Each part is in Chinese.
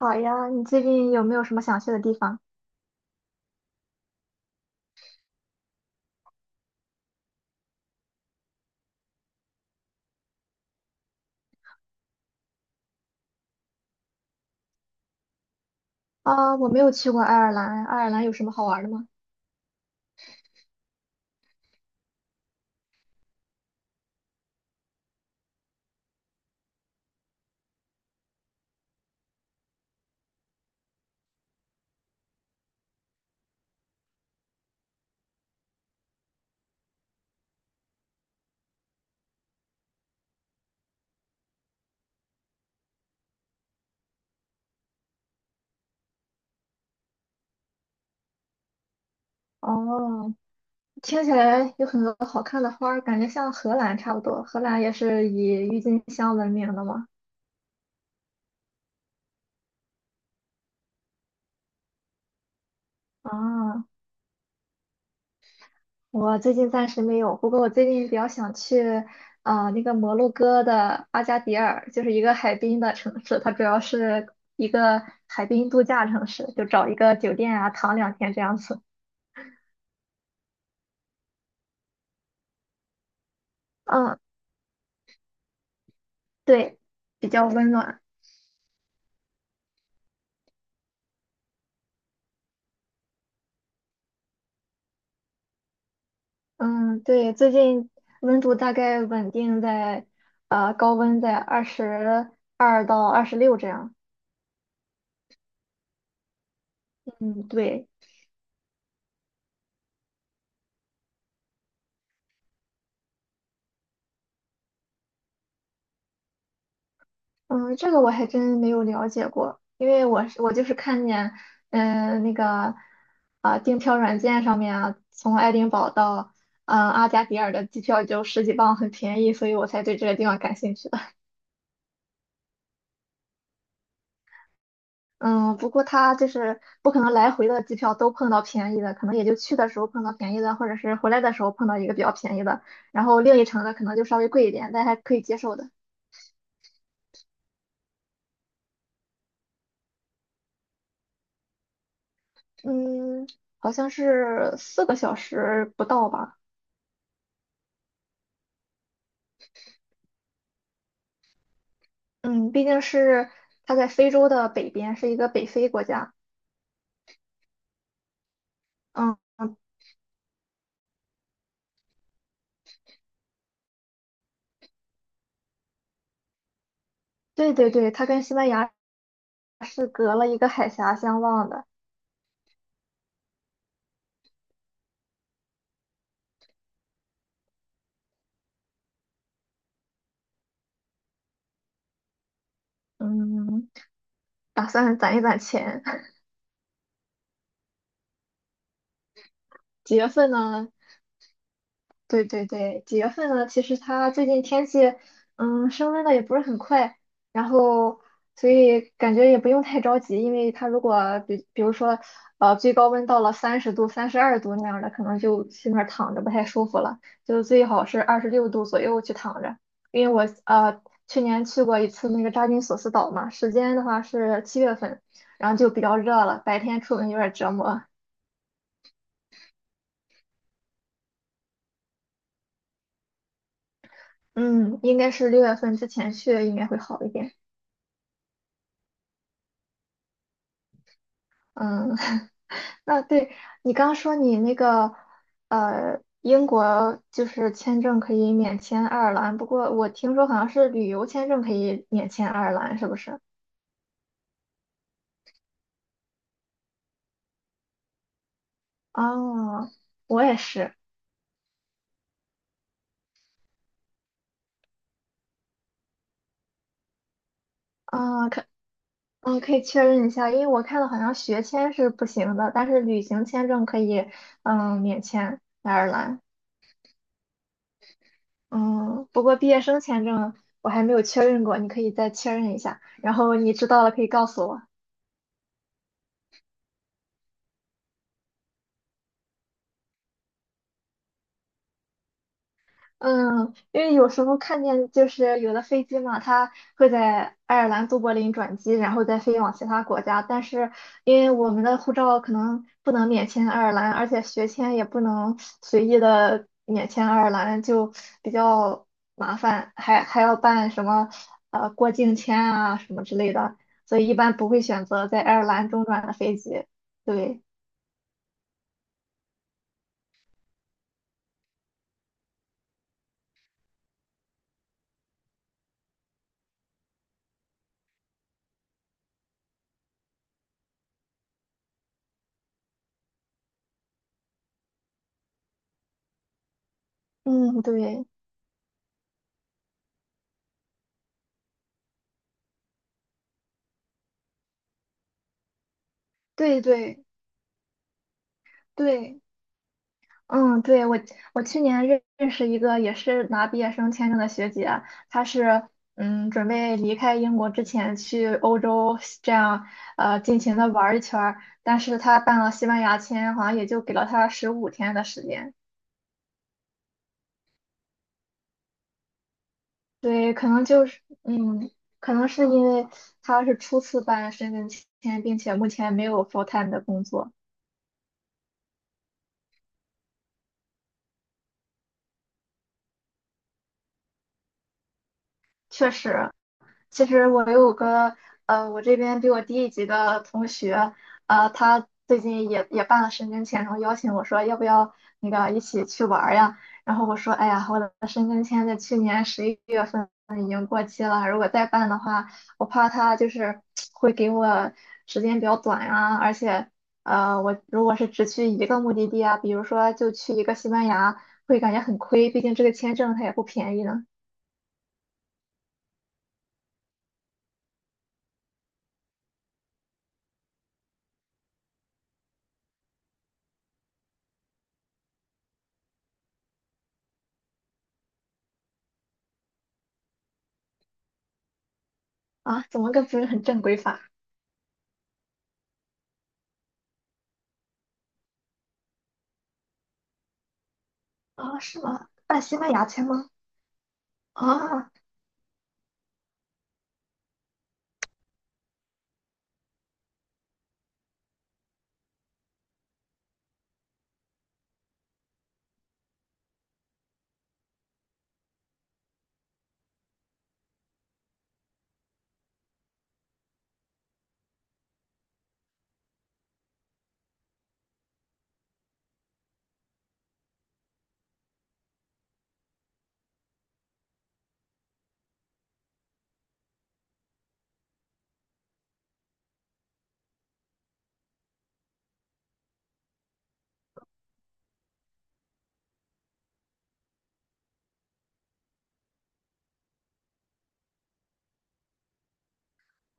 好呀，你最近有没有什么想去的地方？啊，我没有去过爱尔兰，爱尔兰有什么好玩的吗？哦，听起来有很多好看的花儿，感觉像荷兰差不多。荷兰也是以郁金香闻名的嘛。啊，我最近暂时没有，不过我最近比较想去，那个摩洛哥的阿加迪尔，就是一个海滨的城市，它主要是一个海滨度假城市，就找一个酒店啊，躺2天这样子。嗯，对，比较温暖。嗯，对，最近温度大概稳定在，高温在22到26这样。嗯，对，嗯，这个我还真没有了解过，因为我就是看见，那个，订票软件上面啊，从爱丁堡到，阿加迪尔的机票就十几磅，很便宜，所以我才对这个地方感兴趣。嗯，不过他就是不可能来回的机票都碰到便宜的，可能也就去的时候碰到便宜的，或者是回来的时候碰到一个比较便宜的，然后另一程的可能就稍微贵一点，但还可以接受的。嗯，好像是4个小时不到吧。嗯，毕竟是它在非洲的北边，是一个北非国家。嗯，嗯对对对，它跟西班牙是隔了一个海峡相望的。嗯，打算攒一攒钱。几月份呢？对对对，几月份呢？其实它最近天气，嗯，升温的也不是很快，然后所以感觉也不用太着急，因为它如果比如说，最高温到了30度、32度那样的，可能就去那儿躺着不太舒服了，就最好是26度左右去躺着。因为我去年去过一次那个扎金索斯岛嘛，时间的话是7月份，然后就比较热了，白天出门有点折磨。嗯，应该是6月份之前去应该会好一点。嗯，那对，你刚说你那个英国就是签证可以免签爱尔兰，不过我听说好像是旅游签证可以免签爱尔兰，是不是？哦，我也是。啊，可以确认一下，因为我看到好像学签是不行的，但是旅行签证可以，嗯，免签爱尔兰。嗯，不过毕业生签证我还没有确认过，你可以再确认一下，然后你知道了可以告诉我。嗯，因为有时候看见就是有的飞机嘛，它会在爱尔兰都柏林转机，然后再飞往其他国家。但是因为我们的护照可能不能免签爱尔兰，而且学签也不能随意的免签爱尔兰，就比较麻烦，还要办什么过境签啊什么之类的，所以一般不会选择在爱尔兰中转的飞机。对，嗯，对，对对对。嗯，对，我去年认识一个也是拿毕业生签证的学姐，她是准备离开英国之前去欧洲这样尽情的玩儿一圈儿，但是她办了西班牙签，好像也就给了她15天的时间。对，可能就是可能是因为她是初次办申根签，并且目前没有 full time 的工作，确实其实我有个呃，我这边比我低一级的同学，他最近也办了申根签，然后邀请我说要不要那个一起去玩儿呀？然后我说，哎呀，我的申根签在去年11月份已经过期了，如果再办的话，我怕他就是会给我时间比较短呀，而且我如果是只去一个目的地啊，比如说就去一个西班牙，会感觉很亏，毕竟这个签证它也不便宜呢。啊，怎么个不是很正规法？啊，是吗？办西班牙签吗？啊，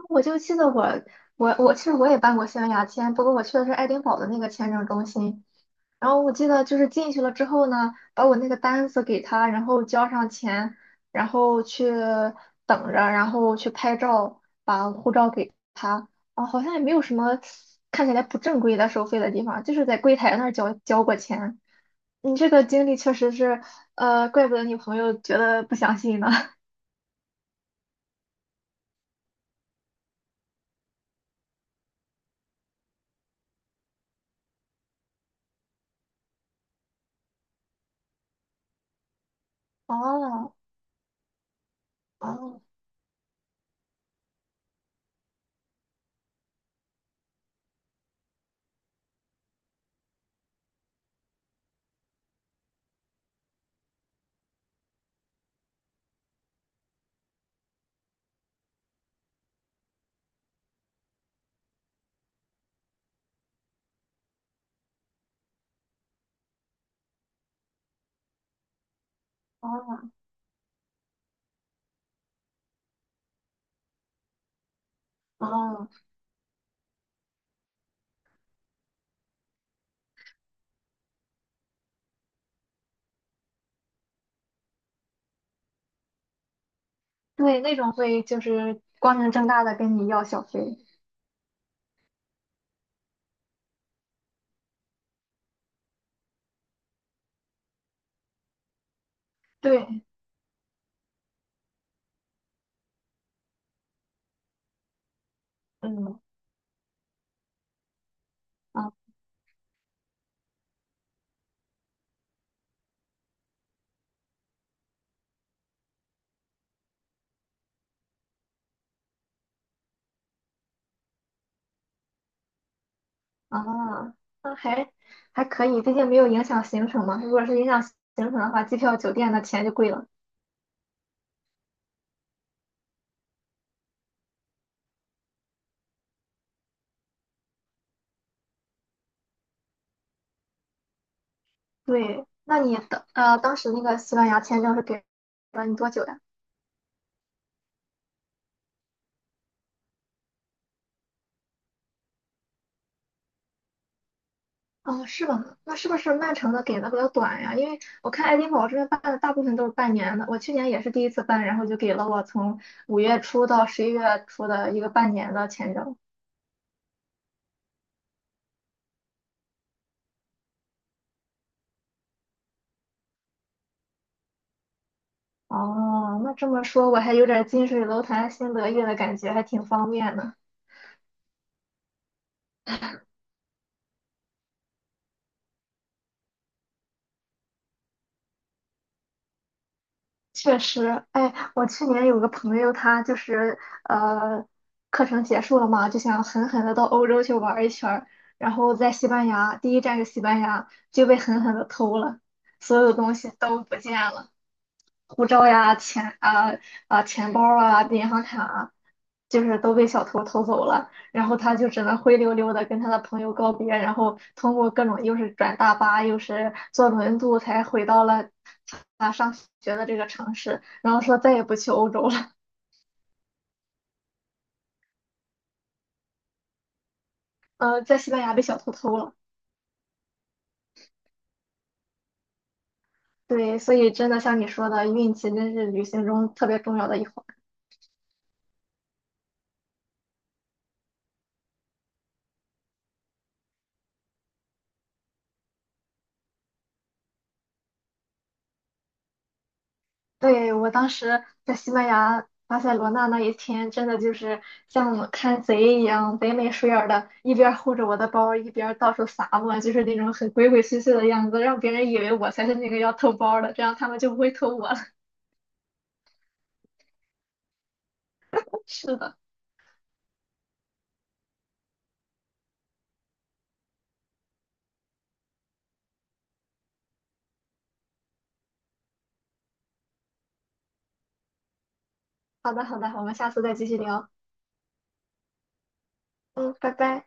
我就记得我其实我也办过西班牙签，不过我去的是爱丁堡的那个签证中心。然后我记得就是进去了之后呢，把我那个单子给他，然后交上钱，然后去等着，然后去拍照，把护照给他。啊，好像也没有什么看起来不正规的收费的地方，就是在柜台那儿交过钱。你这个经历确实是，怪不得你朋友觉得不相信呢。哦，哦哦哦，对，那种会就是光明正大的跟你要小费。对，嗯啊啊，那还可以，毕竟没有影响行程嘛。如果是影响行程的话，机票、酒店的钱就贵了。对，那你当时那个西班牙签证是给了你多久呀？哦，是吗？那是不是曼城的给的比较短呀？因为我看爱丁堡这边办的大部分都是半年的，我去年也是第一次办，然后就给了我从5月初到11月初的一个半年的签证。哦，那这么说，我还有点近水楼台先得月的感觉，还挺方便的。确实，哎，我去年有个朋友，他就是呃，课程结束了嘛，就想狠狠的到欧洲去玩一圈儿，然后在西班牙，第一站是西班牙，就被狠狠的偷了，所有东西都不见了。护照呀、钱啊、钱包啊、银行卡啊，就是都被小偷偷走了。然后他就只能灰溜溜的跟他的朋友告别，然后通过各种又是转大巴又是坐轮渡才回到了他上学的这个城市。然后说再也不去欧洲了，在西班牙被小偷偷了。对，所以真的像你说的，运气真是旅行中特别重要的一环。对，我当时在西班牙巴塞罗那那一天，真的就是像看贼一样，贼眉鼠眼儿的，一边儿护着我的包，一边儿到处撒我，就是那种很鬼鬼祟祟的样子，让别人以为我才是那个要偷包儿的，这样他们就不会偷我了。是的，好的，好的，我们下次再继续聊。嗯，拜拜。